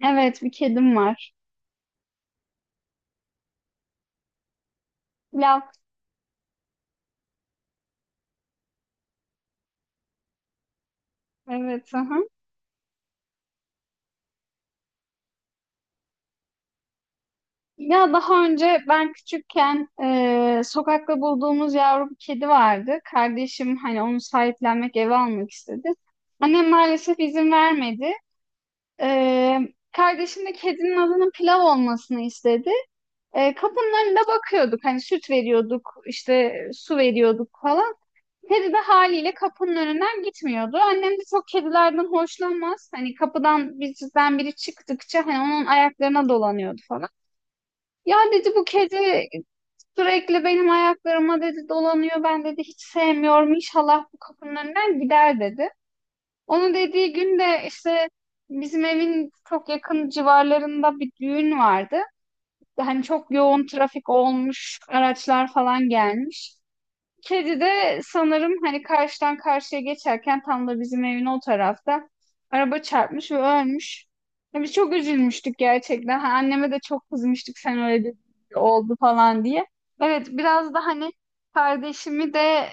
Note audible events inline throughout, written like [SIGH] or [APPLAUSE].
Evet, bir kedim var. Lav. Evet, aha. Ya daha önce ben küçükken sokakta bulduğumuz yavru bir kedi vardı. Kardeşim hani onu sahiplenmek, eve almak istedi. Annem maalesef izin vermedi. E, Kardeşim de kedinin adının Pilav olmasını istedi. Kapının önünde bakıyorduk. Hani süt veriyorduk, işte su veriyorduk falan. Kedi de haliyle kapının önünden gitmiyordu. Annem de çok kedilerden hoşlanmaz. Hani kapıdan bizden biri çıktıkça hani onun ayaklarına dolanıyordu falan. Ya dedi bu kedi sürekli benim ayaklarıma dedi dolanıyor. Ben dedi hiç sevmiyorum. İnşallah bu kapının önünden gider dedi. Onu dediği gün de işte bizim evin çok yakın civarlarında bir düğün vardı. Hani çok yoğun trafik olmuş, araçlar falan gelmiş. Kedi de sanırım hani karşıdan karşıya geçerken tam da bizim evin o tarafta araba çarpmış ve ölmüş. Ya biz çok üzülmüştük gerçekten. Ha, anneme de çok kızmıştık sen öyle dedin, oldu falan diye. Evet biraz da hani kardeşimi de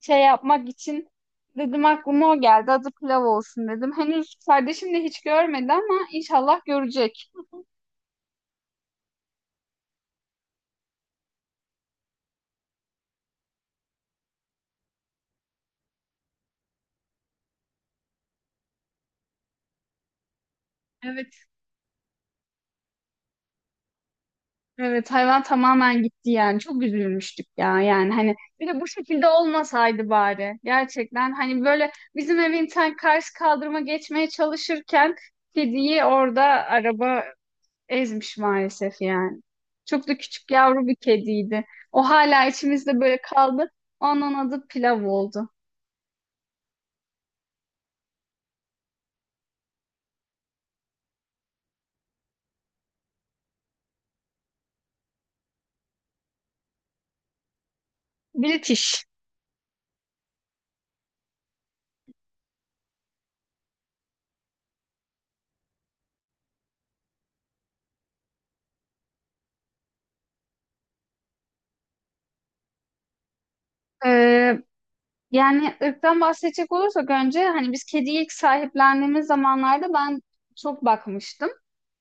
şey yapmak için dedim aklıma o geldi. Adı Pilav olsun dedim. Henüz kardeşim de hiç görmedi ama inşallah görecek. Evet. Evet, hayvan tamamen gitti yani çok üzülmüştük ya yani hani bir de bu şekilde olmasaydı bari gerçekten hani böyle bizim evin tam karşı kaldırıma geçmeye çalışırken kediyi orada araba ezmiş maalesef yani. Çok da küçük yavru bir kediydi. O hala içimizde böyle kaldı. Onun adı Pilav oldu. British. Ee, Yani ırktan bahsedecek olursak önce hani biz kediyi ilk sahiplendiğimiz zamanlarda ben çok bakmıştım.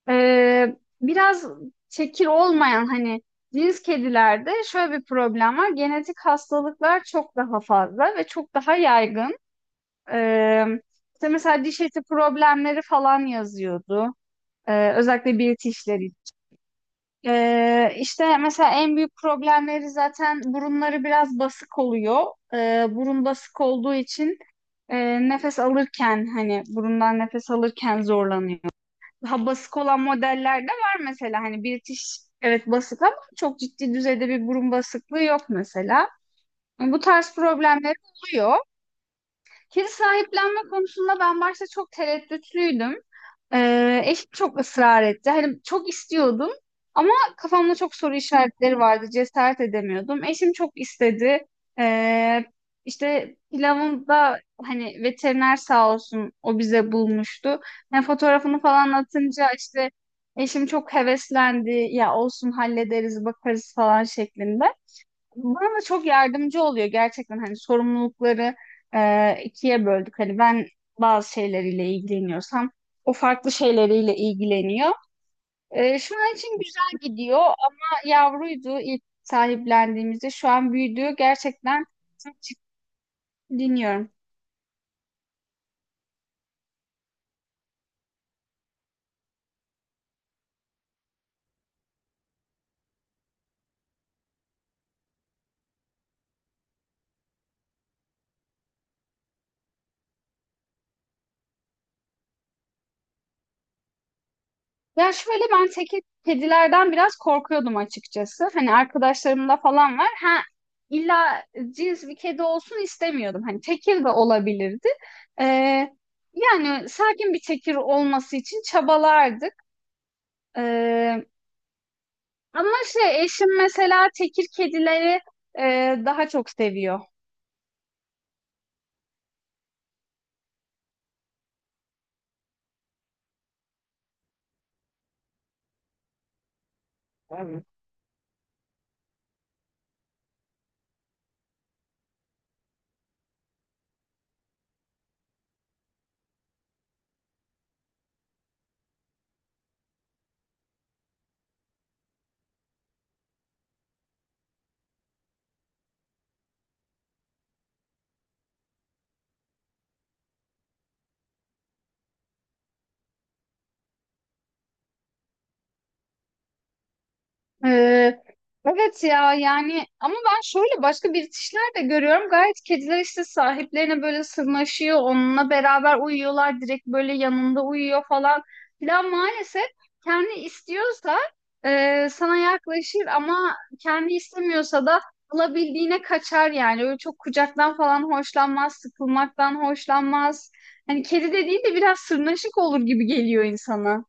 Biraz çekir olmayan hani cins kedilerde şöyle bir problem var. Genetik hastalıklar çok daha fazla ve çok daha yaygın. Ee, işte mesela diş eti problemleri falan yazıyordu. Özellikle British'ler için. İşte mesela en büyük problemleri zaten burunları biraz basık oluyor. Burun basık olduğu için nefes alırken hani burundan nefes alırken zorlanıyor daha basık olan modeller de var mesela. Hani British evet basık ama çok ciddi düzeyde bir burun basıklığı yok mesela. Bu tarz problemler oluyor. Kedi sahiplenme konusunda ben başta çok tereddütlüydüm. Eşim çok ısrar etti. Hani çok istiyordum ama kafamda çok soru işaretleri vardı. Cesaret edemiyordum. Eşim çok istedi. Ee, işte pilavında hani veteriner sağ olsun o bize bulmuştu. Yani fotoğrafını falan atınca işte eşim çok heveslendi. Ya olsun hallederiz bakarız falan şeklinde. Bana çok yardımcı oluyor gerçekten hani sorumlulukları ikiye böldük. Hani ben bazı şeyleriyle ilgileniyorsam o farklı şeyleriyle ilgileniyor. Şu an için güzel gidiyor ama yavruydu ilk sahiplendiğimizde şu an büyüdü gerçekten çok ciddi dinliyorum. Ya şöyle ben teke kedilerden biraz korkuyordum açıkçası. Hani arkadaşlarımda falan var. Ha, illa cins bir kedi olsun istemiyordum. Hani tekir de olabilirdi. Ee, Yani sakin bir tekir olması için çabalardık. Ee, Ama şey eşim mesela tekir kedileri e, daha çok seviyor. Ee, evet ya yani ama ben şöyle başka birikişler de görüyorum. Gayet kediler işte sahiplerine böyle sırnaşıyor, onunla beraber uyuyorlar, direkt böyle yanında uyuyor falan filan. Maalesef kendi istiyorsa sana yaklaşır ama kendi istemiyorsa da alabildiğine kaçar yani. Öyle çok kucaktan falan hoşlanmaz, sıkılmaktan hoşlanmaz. Hani kedi dediğin de biraz sırnaşık olur gibi geliyor insana.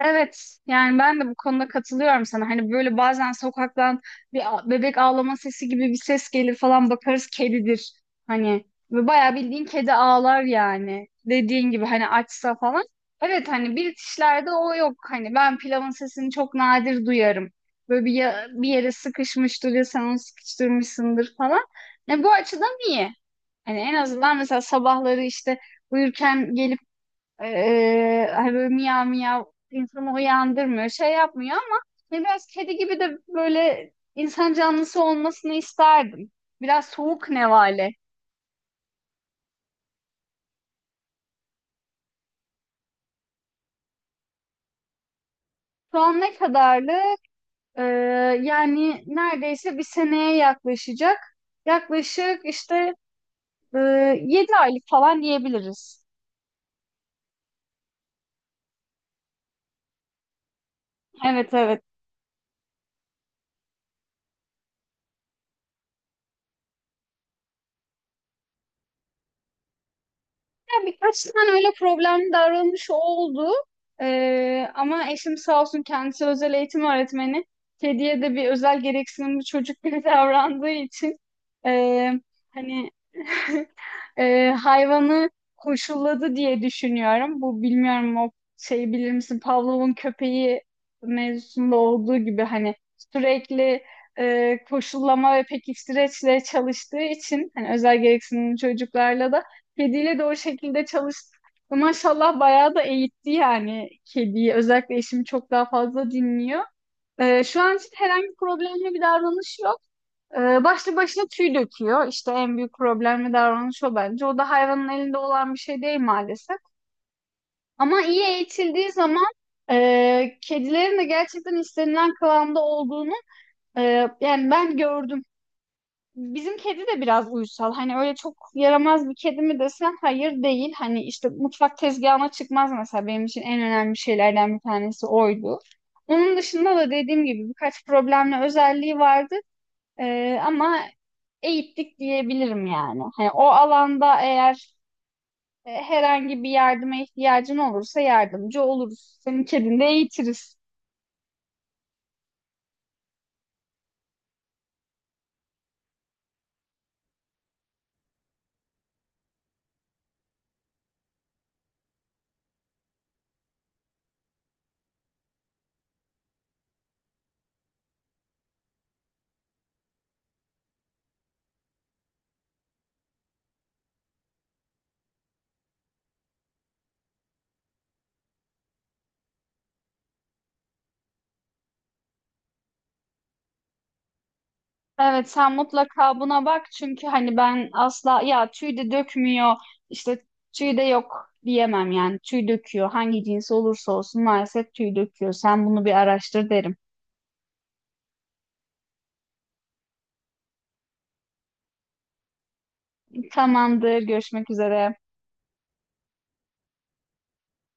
Evet, yani ben de bu konuda katılıyorum sana. Hani böyle bazen sokaktan bir bebek ağlama sesi gibi bir ses gelir falan bakarız kedidir. Hani ve bayağı bildiğin kedi ağlar yani. Dediğin gibi hani açsa falan. Evet hani British'lerde o yok. Hani ben pilavın sesini çok nadir duyarım. Böyle bir, bir yere sıkışmıştır ya sen onu sıkıştırmışsındır falan. Yani bu açıdan iyi. Hani en azından mesela sabahları işte uyurken gelip hani böyle miyav miyav insanı uyandırmıyor, şey yapmıyor ama hani biraz kedi gibi de böyle insan canlısı olmasını isterdim. Biraz soğuk nevale. Şu an ne kadarlı? Ee, Yani neredeyse bir seneye yaklaşacak. Yaklaşık işte e, 7 aylık falan diyebiliriz. Evet, evet. Ya, birkaç tane öyle problemli davranış oldu. Ama eşim sağ olsun kendisi özel eğitim öğretmeni. Kediye de bir özel gereksinimli çocuk gibi [LAUGHS] davrandığı için ee, hani [LAUGHS] hayvanı koşulladı diye düşünüyorum. Bu bilmiyorum o şeyi bilir misin? Pavlov'un köpeği mevzusunda olduğu gibi hani sürekli koşullama ve pekiştireçle çalıştığı için hani özel gereksinimli çocuklarla da kediyle de o şekilde çalıştık. Ve maşallah bayağı da eğitti yani kediyi. Özellikle eşim çok daha fazla dinliyor. Şu an için herhangi bir problemli bir davranış yok. Başlı başına tüy döküyor. İşte en büyük problemli davranış o bence. O da hayvanın elinde olan bir şey değil maalesef. Ama iyi eğitildiği zaman kedilerin de gerçekten istenilen kıvamda olduğunu e, yani ben gördüm. Bizim kedi de biraz uysal. Hani öyle çok yaramaz bir kedi mi desen hayır değil. Hani işte mutfak tezgahına çıkmaz mesela benim için en önemli şeylerden bir tanesi oydu. Onun dışında da dediğim gibi birkaç problemli özelliği vardı. Ama eğittik diyebilirim yani. Hani o alanda eğer herhangi bir yardıma ihtiyacın olursa yardımcı oluruz. Senin kedini de eğitiriz. Evet sen mutlaka buna bak çünkü hani ben asla ya tüy de dökmüyor işte tüy de yok diyemem yani tüy döküyor hangi cins olursa olsun maalesef tüy döküyor sen bunu bir araştır derim. Tamamdır, görüşmek üzere.